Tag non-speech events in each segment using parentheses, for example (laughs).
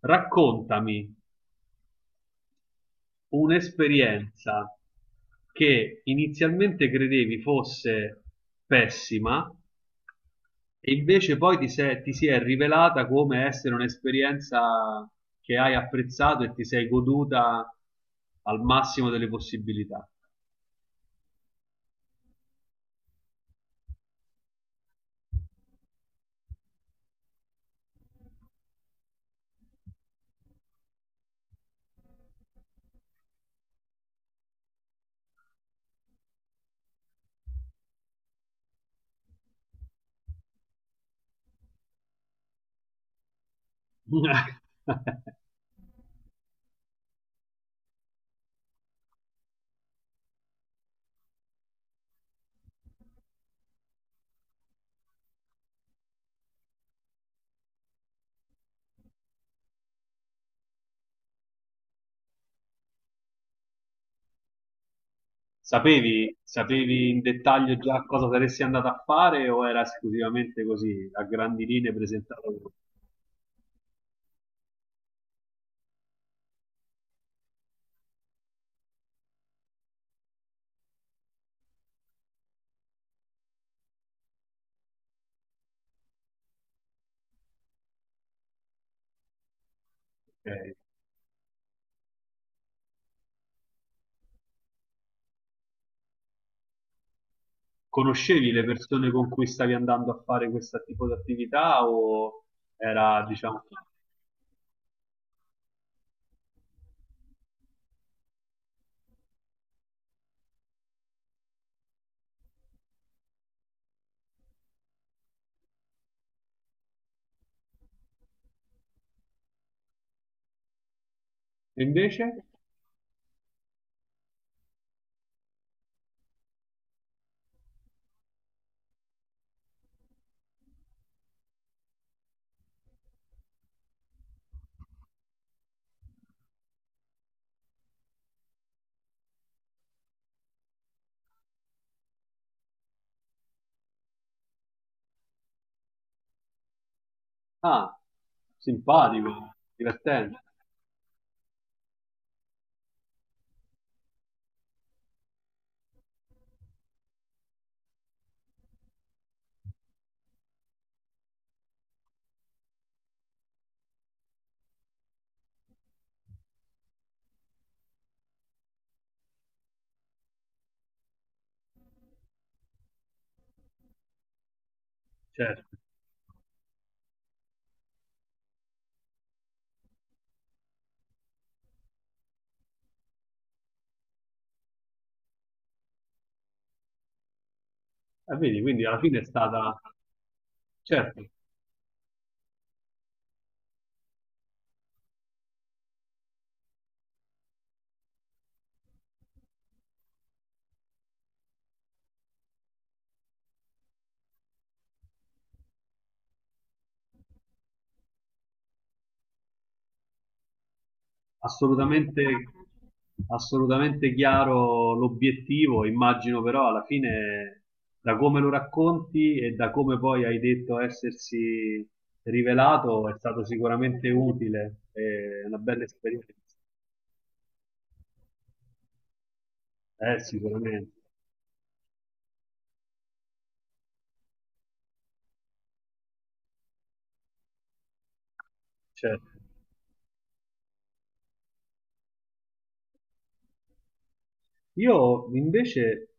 Raccontami un'esperienza che inizialmente credevi fosse pessima e invece poi ti se- ti si è rivelata come essere un'esperienza che hai apprezzato e ti sei goduta al massimo delle possibilità. (laughs) Sapevi, sapevi in dettaglio già cosa saresti andata a fare o era esclusivamente così, a grandi linee presentato? Ok. Conoscevi le persone con cui stavi andando a fare questo tipo di attività o era, diciamo... E invece? Ah, simpatico, divertente, certo. E vedi, quindi alla fine è stata, certo, assolutamente, assolutamente chiaro l'obiettivo, immagino però alla fine, da come lo racconti e da come poi hai detto essersi rivelato, è stato sicuramente utile, è una bella esperienza. Sicuramente. Certo. Io invece,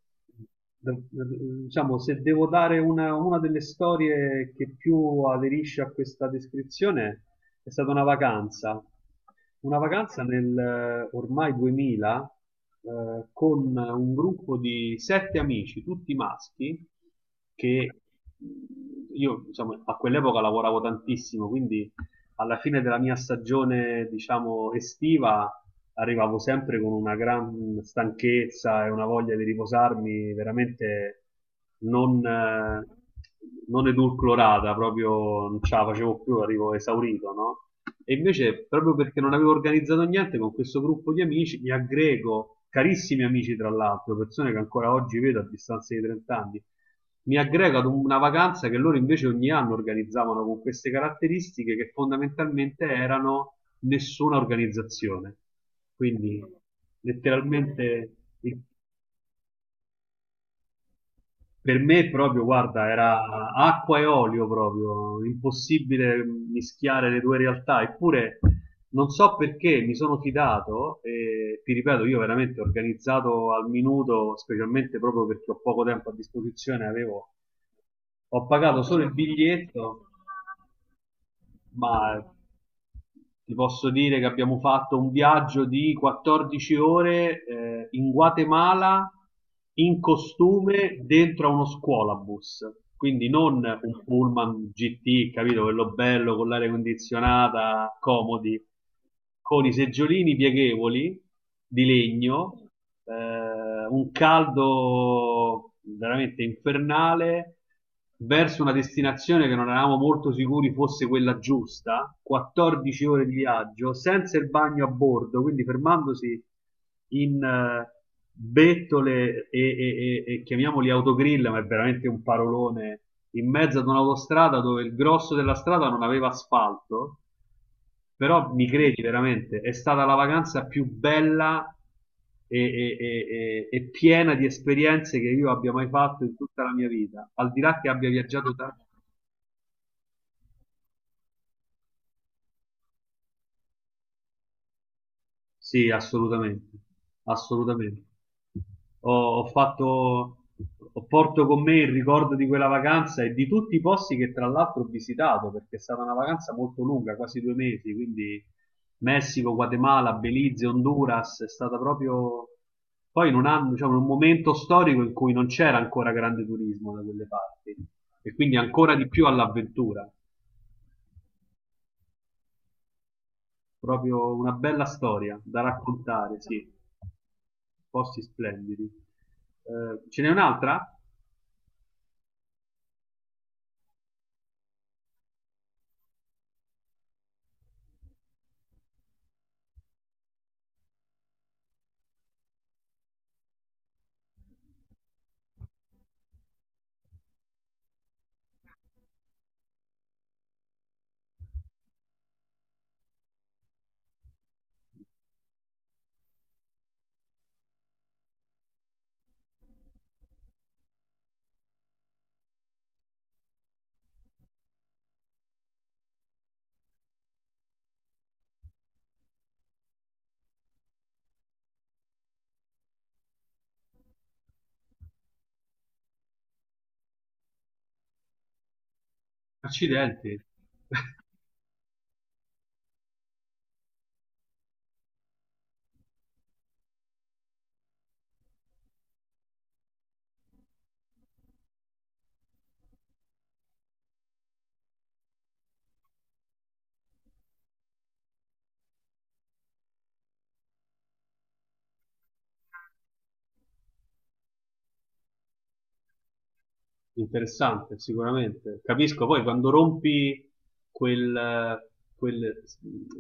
d- d- diciamo, se devo dare una delle storie che più aderisce a questa descrizione, è stata una vacanza. Una vacanza nel ormai 2000, con un gruppo di sette amici, tutti maschi, che mh, io, diciamo, a quell'epoca lavoravo tantissimo, quindi alla fine della mia stagione, diciamo, estiva arrivavo sempre con una gran stanchezza e una voglia di riposarmi veramente non, eh, non edulcorata, proprio non ce la facevo più, arrivo esaurito, no? E invece, proprio perché non avevo organizzato niente con questo gruppo di amici, mi aggrego, carissimi amici tra l'altro, persone che ancora oggi vedo a distanza di 30 anni, mi aggrego ad una vacanza che loro invece ogni anno organizzavano con queste caratteristiche che fondamentalmente erano nessuna organizzazione. Quindi letteralmente il- per me proprio, guarda, era acqua e olio proprio, impossibile mischiare le due realtà, eppure non so perché mi sono fidato e ti ripeto, io veramente organizzato al minuto, specialmente proprio perché ho poco tempo a disposizione, avevo ho pagato solo il biglietto, ma ti posso dire che abbiamo fatto un viaggio di 14 ore, in Guatemala in costume dentro a uno scuolabus. Quindi non un pullman GT, capito? Quello bello con l'aria condizionata, comodi, con i seggiolini pieghevoli di legno, un caldo veramente infernale verso una destinazione che non eravamo molto sicuri fosse quella giusta, 14 ore di viaggio, senza il bagno a bordo, quindi fermandosi in bettole e chiamiamoli autogrill, ma è veramente un parolone, in mezzo ad un'autostrada dove il grosso della strada non aveva asfalto, però mi credi veramente, è stata la vacanza più bella e piena di esperienze che io abbia mai fatto in tutta la mia vita. Al di là che abbia viaggiato tanto. Sì, assolutamente, assolutamente. Ho, ho fatto, ho porto con me il ricordo di quella vacanza e di tutti i posti che tra l'altro ho visitato, perché è stata una vacanza molto lunga, quasi 2 mesi, quindi Messico, Guatemala, Belize, Honduras, è stata proprio poi in un anno, diciamo, in un momento storico in cui non c'era ancora grande turismo da quelle parti e quindi ancora di più all'avventura, proprio una bella storia da raccontare, sì. Posti splendidi. Ce n'è un'altra? Accidenti, (laughs) interessante sicuramente. Capisco, poi quando rompi quel, eh, quel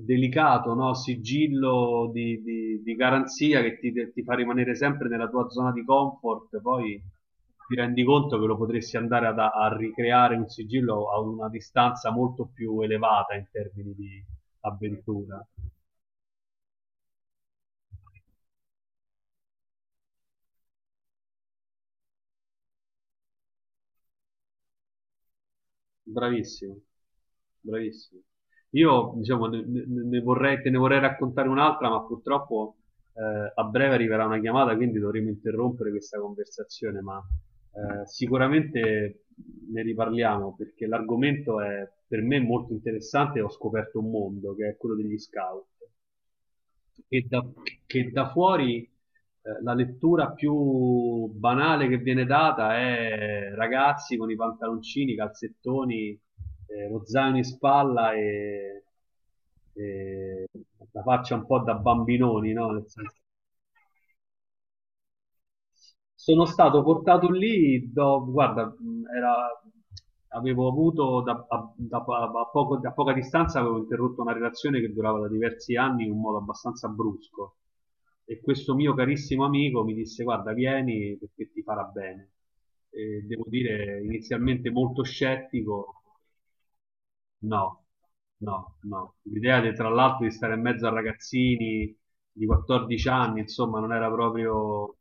delicato, no, sigillo di garanzia che ti fa rimanere sempre nella tua zona di comfort, poi ti rendi conto che lo potresti andare a ricreare un sigillo a una distanza molto più elevata in termini di avventura. Bravissimo, bravissimo. Io, diciamo, ne vorrei, te ne vorrei raccontare un'altra, ma purtroppo a breve arriverà una chiamata, quindi dovremo interrompere questa conversazione, ma sicuramente ne riparliamo perché l'argomento è per me molto interessante e ho scoperto un mondo che è quello degli scout che che da fuori la lettura più banale che viene data è ragazzi con i pantaloncini, i calzettoni, lo zaino in spalla e la faccia un po' da bambinoni, no? Nel senso sono stato portato lì, guarda, avevo avuto da poca distanza, avevo interrotto una relazione che durava da diversi anni in un modo abbastanza brusco. E questo mio carissimo amico mi disse: Guarda, vieni perché ti farà bene. E devo dire, inizialmente molto scettico, no, no, no. Tra l'altro, di stare in mezzo a ragazzini di 14 anni, insomma, non era proprio.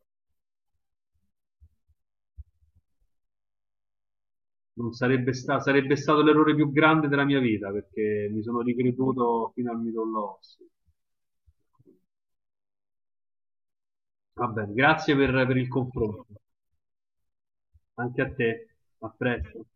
Non sarebbe, sta- Sarebbe stato l'errore più grande della mia vita perché mi sono ricreduto fino al midollo osseo. Va bene, grazie per il confronto. Anche a te. A presto.